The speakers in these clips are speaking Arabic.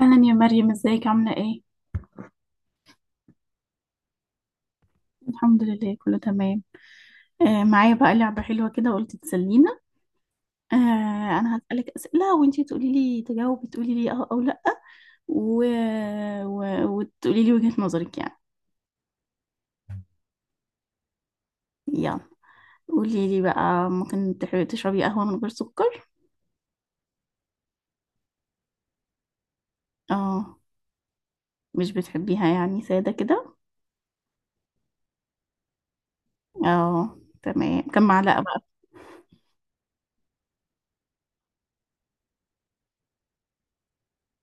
اهلا يا مريم، ازيك؟ عامله ايه؟ الحمد لله، كله تمام. آه، معايا بقى لعبه حلوه كده، قلت تسلينا. آه. انا هسالك اسئله وانتي تقولي لي، تجاوبي تقولي لي اه او لا. و... وتقولي لي وجهه نظرك يعني. يلا، قولي لي بقى، ممكن تحبي تشربي قهوه من غير سكر؟ اه. مش بتحبيها يعني ساده كده؟ اه تمام. كم معلقه بقى؟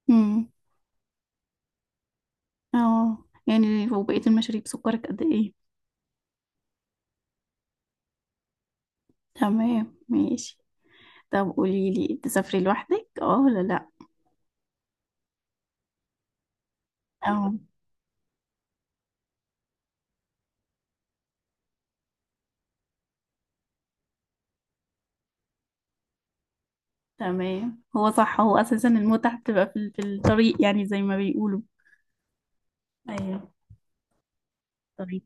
امم. اه، يعني وبقيه المشاريب سكرك قد ايه؟ تمام ماشي. طب قولي لي، انت تسافري لوحدك، اه ولا لا؟ اه تمام. هو صح، هو اساسا المتعة بتبقى في الطريق يعني، زي ما بيقولوا. ايوه. الطريق.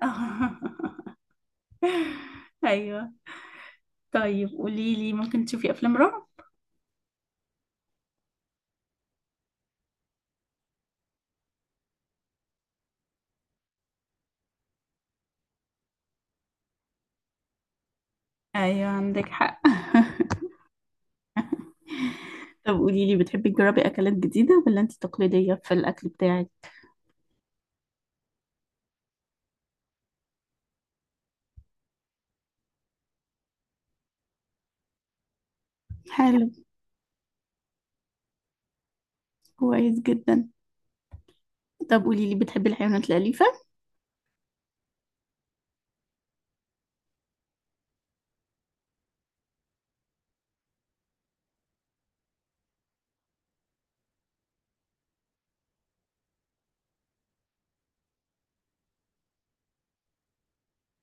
ايوه. طيب قولي لي، ممكن تشوفي افلام رعب؟ ايوه عندك حق. طب قولي لي، بتحبي تجربي اكلات جديدة ولا انت تقليدية في الاكل بتاعك؟ حلو. كويس جدا. طب قولي لي، بتحبي الحيوانات الأليفة؟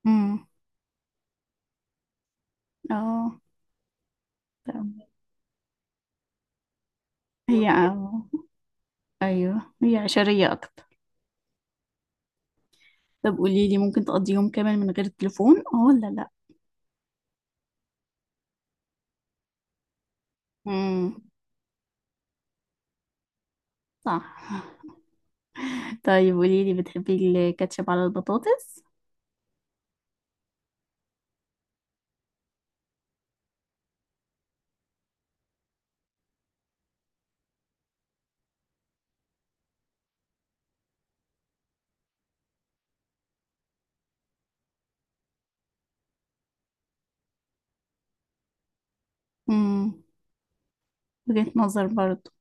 امم. اه تمام. هي اه. ايوه، هي عشرية اكتر. طب قولي لي، ممكن تقضي يوم كامل من غير التليفون، اه ولا لا؟ امم. صح. طيب قولي لي، بتحبي الكاتشب على البطاطس؟ امم. وجهة نظر برضو.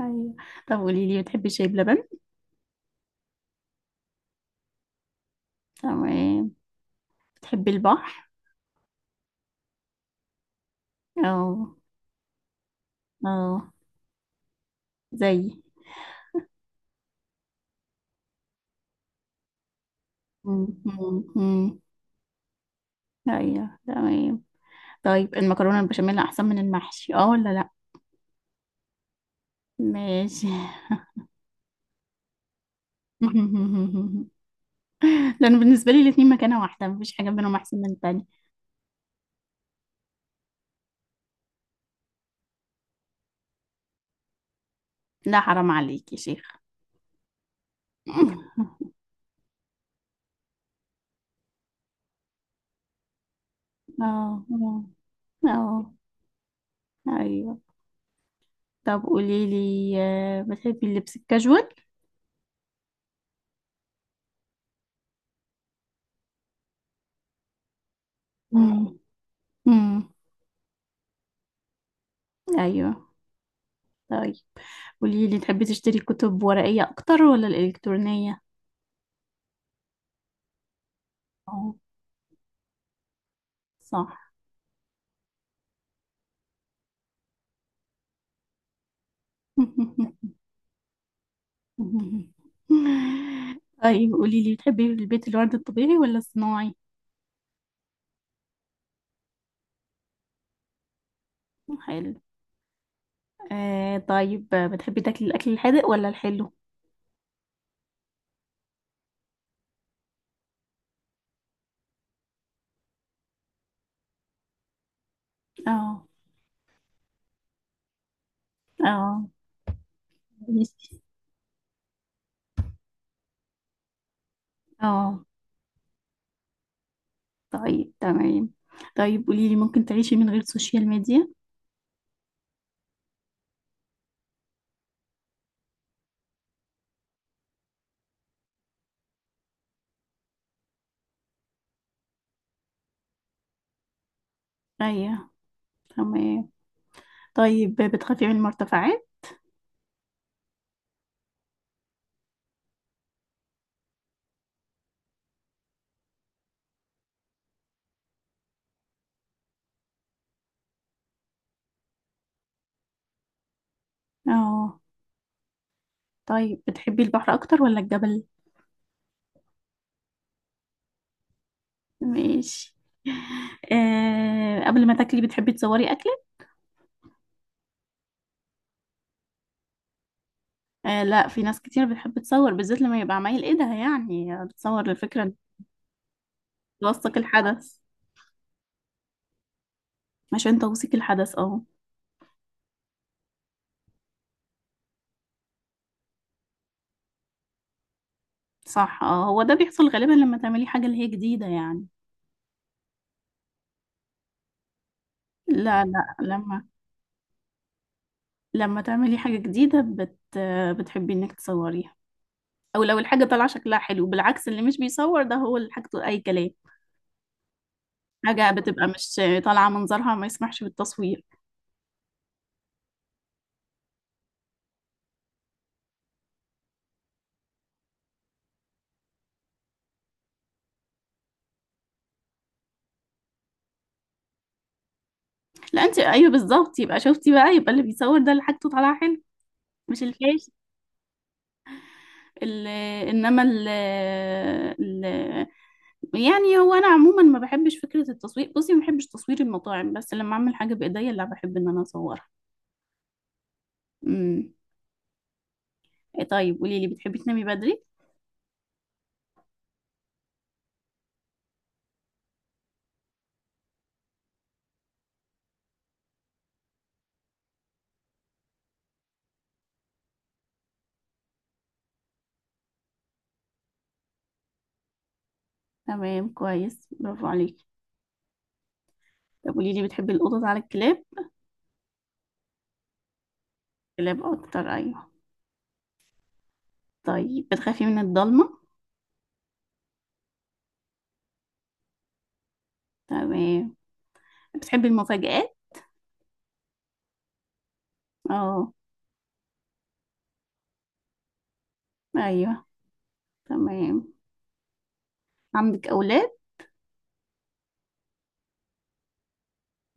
ايوه. طب قولي لي، بتحبي شاي بلبن؟ تمام. بتحبي البحر؟ اه. اه زي. امم. أمم. ايوه تمام. طيب، المكرونة البشاميل احسن من المحشي، اه ولا لا؟ ماشي. لان بالنسبة لي الاتنين مكانة واحدة، مفيش حاجة بينهم احسن من التانية. لا حرام عليك يا شيخ. اه. اه. اه. ايوه. طب قولي لي، بتحبي اللبس الكاجوال؟ مم. مم. ايوه. طيب قولي لي، تحبي تشتري كتب ورقية اكتر ولا الالكترونية؟ اه. صح. طيب قولي لي، بتحبي البيت الورد الطبيعي ولا الصناعي؟ حلو. طيب، بتحبي تاكلي الاكل الحادق ولا الحلو؟ اه. اه. ماشي. اه طيب. تمام. طيب قولي لي، ممكن تعيشي من غير سوشيال ميديا؟ ايوه تمام. طيب بتخافي من المرتفعات؟ اه. طيب بتحبي البحر اكتر ولا الجبل؟ ماشي. قبل ما تاكلي بتحبي تصوري اكلك؟ آه لا، في ناس كتير بتحب تصور، بالذات لما يبقى عمايل ايدها يعني، بتصور الفكرة إن توثق الحدث. عشان توثيق الحدث اه. صح. اه، هو ده بيحصل غالبا لما تعملي حاجة اللي هي جديدة يعني. لا لا، لما تعملي حاجة جديدة بتحبي انك تصوريها، او لو الحاجة طالعة شكلها حلو. بالعكس، اللي مش بيصور ده هو اللي حاجته اي كلام. حاجة بتبقى مش طالعة منظرها ما يسمحش بالتصوير. لا انت ايوه، بالظبط، يبقى شفتي بقى، يبقى اللي بيصور ده اللي حاجته طالعة حلو، مش الفاشل. ال- انما ال... يعني هو انا عموما ما بحبش فكرة التصوير، بصي ما بحبش تصوير المطاعم، بس لما اعمل حاجة بايديا لا بحب ان انا اصورها. امم. طيب قولي لي، بتحبي تنامي بدري؟ تمام كويس، برافو عليكي. طب قولي لي، بتحبي القطط على الكلاب؟ كلاب اكتر ايوه. طيب بتخافي من الضلمه؟ تمام. بتحبي المفاجآت؟ اه. ايوه تمام. عندك اولاد؟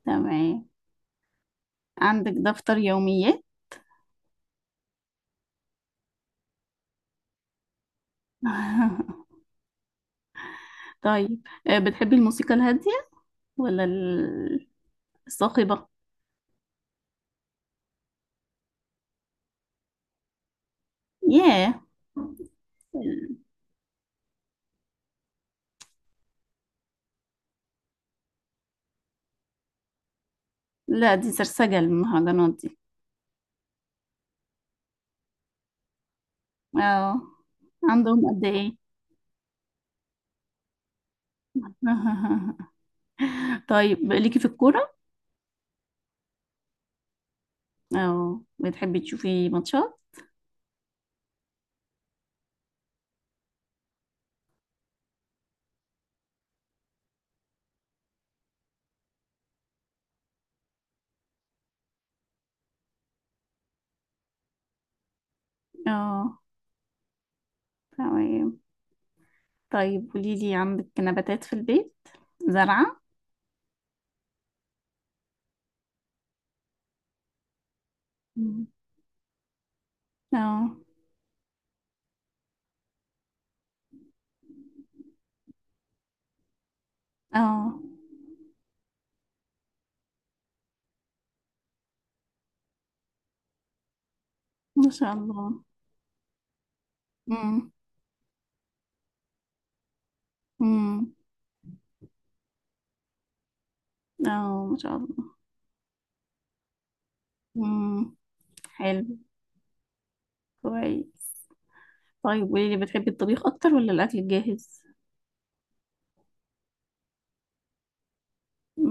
تمام. عندك دفتر يوميات؟ طيب بتحبي الموسيقى الهاديه ولا الصاخبه؟ ياه. لا دي سرسجه المهرجانات دي. اه، عندهم قد ايه؟ طيب، ليكي في الكوره؟ اه، بتحبي تشوفي ماتشات؟ اه تمام. طيب قولي لي، عندك نباتات في البيت؟ زرعة. مم. اه. اه ما شاء الله. مم. مم. اه ما شاء الله. مم. حلو. كويس. طيب قولي لي، بتحبي الطبيخ اكتر ولا الاكل الجاهز؟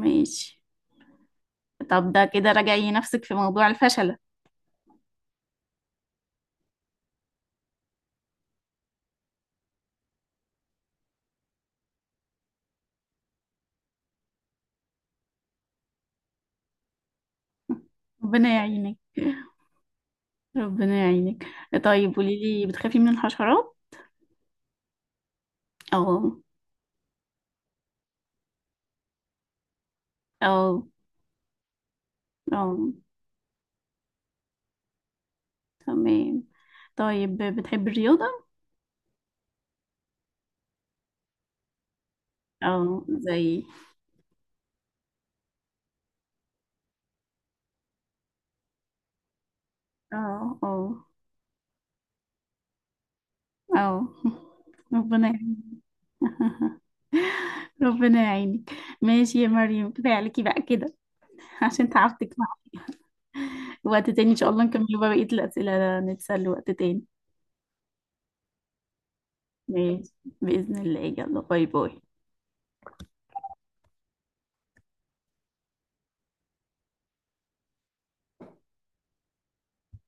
ماشي. طب ده كده راجعي نفسك في موضوع الفشلة. ربنا يعينك. ربنا يعينك. طيب قولي لي، بتخافي من الحشرات؟ اه. اه. اه. تمام. طيب بتحبي الرياضة؟ اه زي. اه. اه. اه. ربنا يعينك. ربنا يعينك. ماشي يا مريم، كفاية عليكي بقى كده. عشان تعبتك. وقت تاني ان شاء الله نكمل بقى بقية الأسئلة، نتسلى وقت تاني. ماشي. بإذن الله، يلا باي باي.